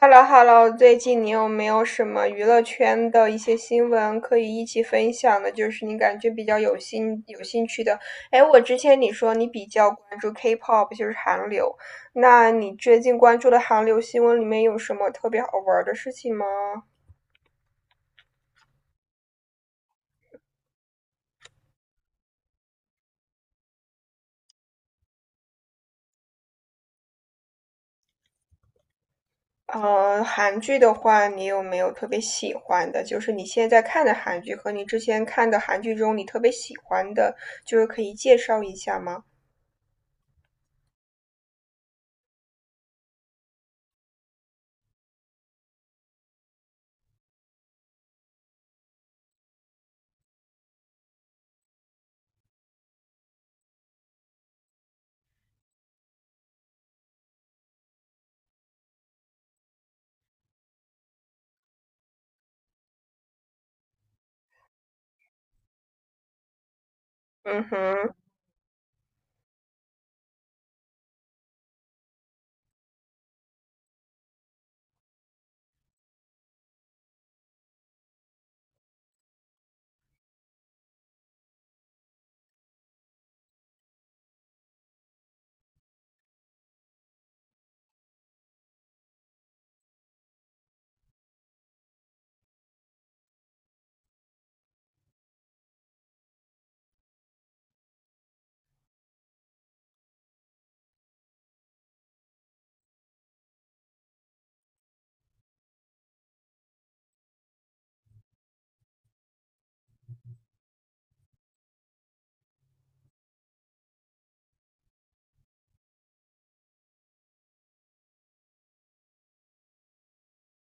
h e l l o h e l l o， 最近你有没有什么娱乐圈的一些新闻可以一起分享的？就是你感觉比较有兴趣的。哎，我之前你说你比较关注 K-pop，就是韩流，那你最近关注的韩流新闻里面有什么特别好玩儿的事情吗？韩剧的话，你有没有特别喜欢的？就是你现在看的韩剧和你之前看的韩剧中，你特别喜欢的，就是可以介绍一下吗？嗯哼。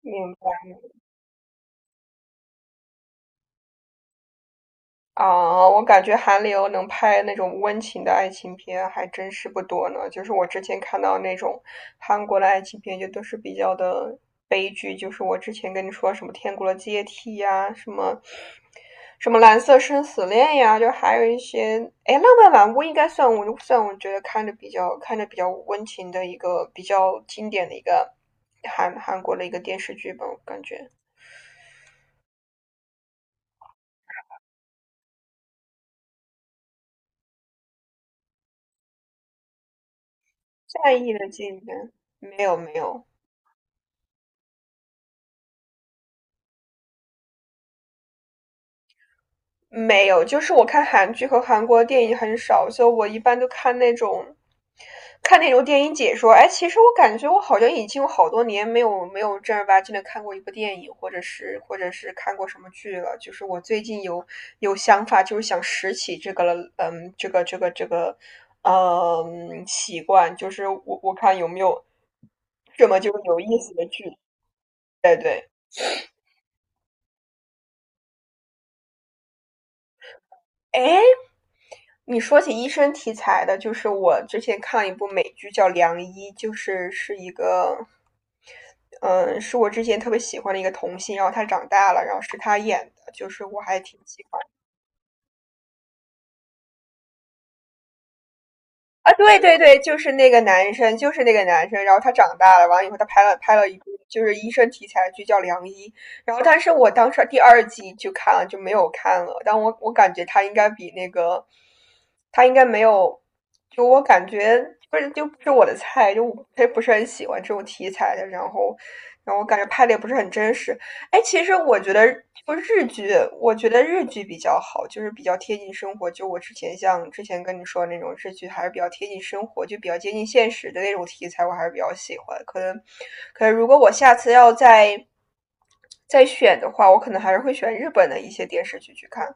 嗯。啊，我感觉韩流能拍那种温情的爱情片还真是不多呢。就是我之前看到那种韩国的爱情片，就都是比较的悲剧。就是我之前跟你说什么《天国的阶梯》呀，什么《蓝色生死恋》呀，就还有一些，哎，《浪漫满屋》应该算我觉得看着比较温情的一个比较经典的一个韩国的一个电视剧吧，我感觉。在意的纪元，没有没有。没有，就是我看韩剧和韩国电影很少，所以我一般都看那种，看那种电影解说。哎，其实我感觉我好像已经有好多年没有正儿八经的看过一部电影，或者是看过什么剧了。就是我最近有想法，就是想拾起这个了，这个这个，习惯，就是我看有没有这么就有意思的剧。对对。哎，你说起医生题材的，就是我之前看了一部美剧叫《良医》，就是是一个，嗯，是我之前特别喜欢的一个童星，然后他长大了，然后是他演的，就是我还挺喜欢。啊，对对对，就是那个男生，就是那个男生。然后他长大了，完了以后他拍了一部就是医生题材的剧叫《良医》，然后但是我当时第二季就看了，就没有看了。但我感觉他应该比那个，他应该没有，就我感觉不是就不是我的菜，就我不是很喜欢这种题材的。然后，然后我感觉拍的也不是很真实。哎，其实我觉得就日剧，我觉得日剧比较好，就是比较贴近生活。就我之前像之前跟你说的那种日剧，还是比较贴近生活，就比较接近现实的那种题材，我还是比较喜欢。可能，可能如果我下次要再选的话，我可能还是会选日本的一些电视剧去看。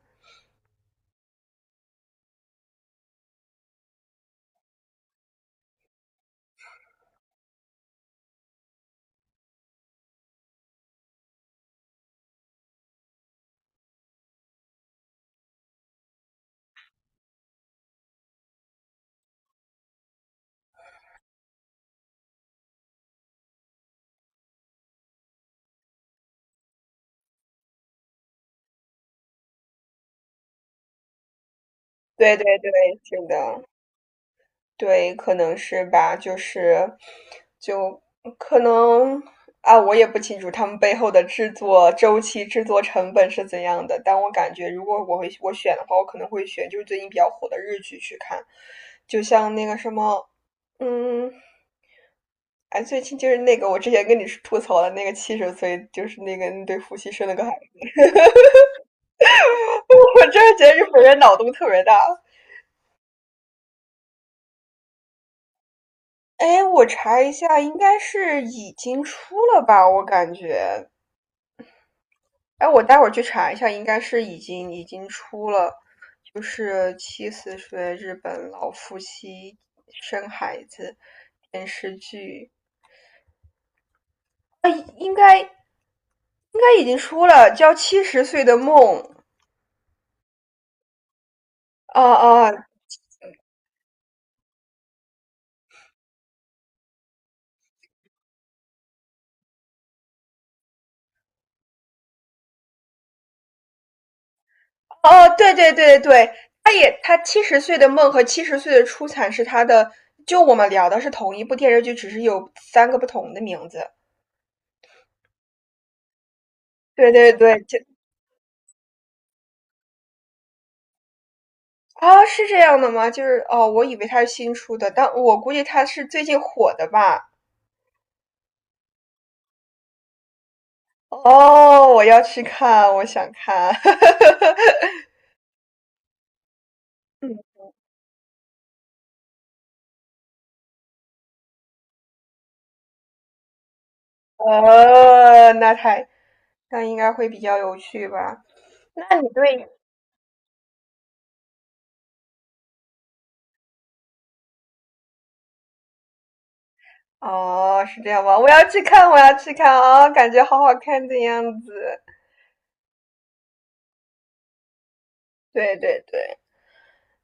对对对，是的。对，可能是吧，就是，就可能啊，我也不清楚他们背后的制作周期、制作成本是怎样的。但我感觉，如果我选的话，我可能会选就是最近比较火的日剧去看，就像那个什么，嗯，哎，最近就是那个我之前跟你吐槽的那个七十岁，就是那个那对夫妻生了个孩子，我真的觉得日本人脑洞特别大。哎，我查一下，应该是已经出了吧？我感觉哎，我待会儿去查一下，应该是已经出了，就是《七十岁日本老夫妻生孩子》电视剧，啊，应该已经出了，叫《七十岁的梦》。哦哦，对，他也他《七十岁的梦》和《七十岁的出产》是他的，就我们聊的是同一部电视剧，只是有三个不同的名字。对对对，就。啊，是这样的吗？就是哦，我以为它是新出的，但我估计它是最近火的吧。哦，我要去看，我想看。呃，那太那应该会比较有趣吧？那你对哦，是这样吗？我要去看，我要去看啊、哦感觉好好看的样子。对对对。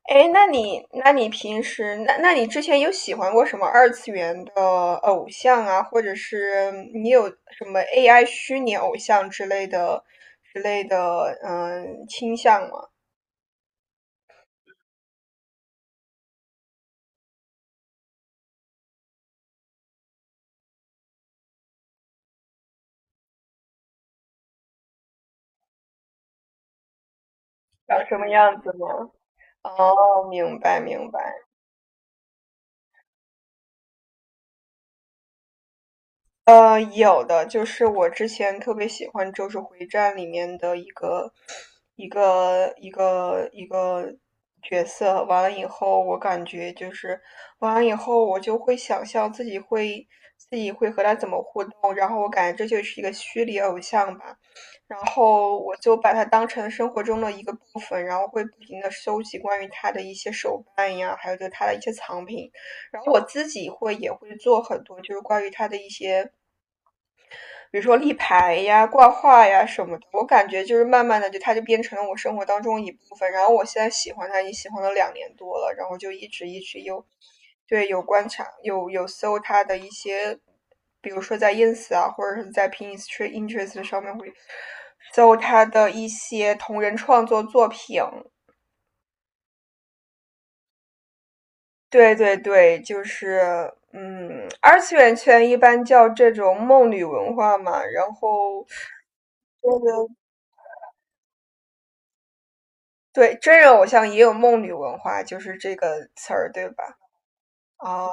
哎，那你，那你平时，那你之前有喜欢过什么二次元的偶像啊，或者是你有什么 AI 虚拟偶像之类的，嗯，倾向吗？长什么样子吗？哦，明白明白。有的，就是我之前特别喜欢《咒术回战》里面的一个角色，完了以后，我就会想象自己会和他怎么互动，然后我感觉这就是一个虚拟偶像吧，然后我就把它当成生活中的一个部分，然后会不停的收集关于他的一些手办呀，还有就是他的一些藏品，然后我自己会也会做很多，就是关于他的一些比如说立牌呀、挂画呀什么的，我感觉就是慢慢的就它就变成了我生活当中一部分。然后我现在喜欢它，已经喜欢了两年多了，然后就一直有，对，有观察，有搜它的一些，比如说在 ins 啊，或者是在 Pinterest 上面会搜它的一些同人创作作品。对对对，就是嗯，二次元圈一般叫这种梦女文化嘛，然后。个。对，真人偶像也有梦女文化，就是这个词儿，对吧？啊，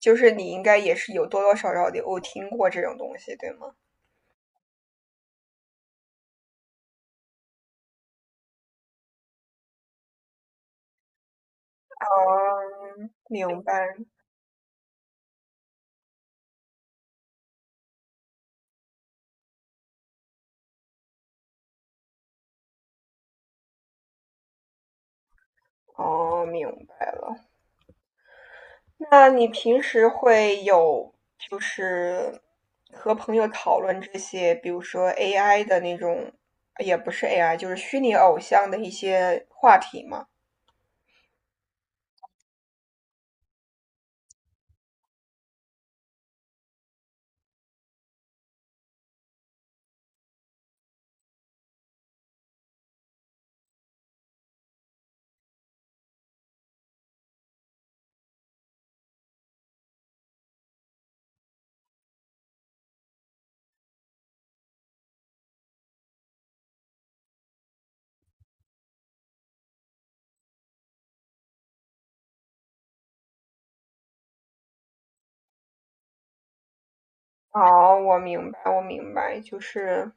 就是你应该也是有多多少少的我听过这种东西，对吗？嗯，明白。哦，明白了。那你平时会有就是和朋友讨论这些，比如说 AI 的那种，也不是 AI，就是虚拟偶像的一些话题吗？哦，我明白，我明白，就是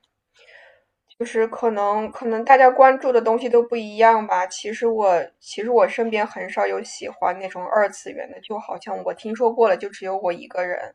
就是可能大家关注的东西都不一样吧。其实我身边很少有喜欢那种二次元的，就好像我听说过了，就只有我一个人。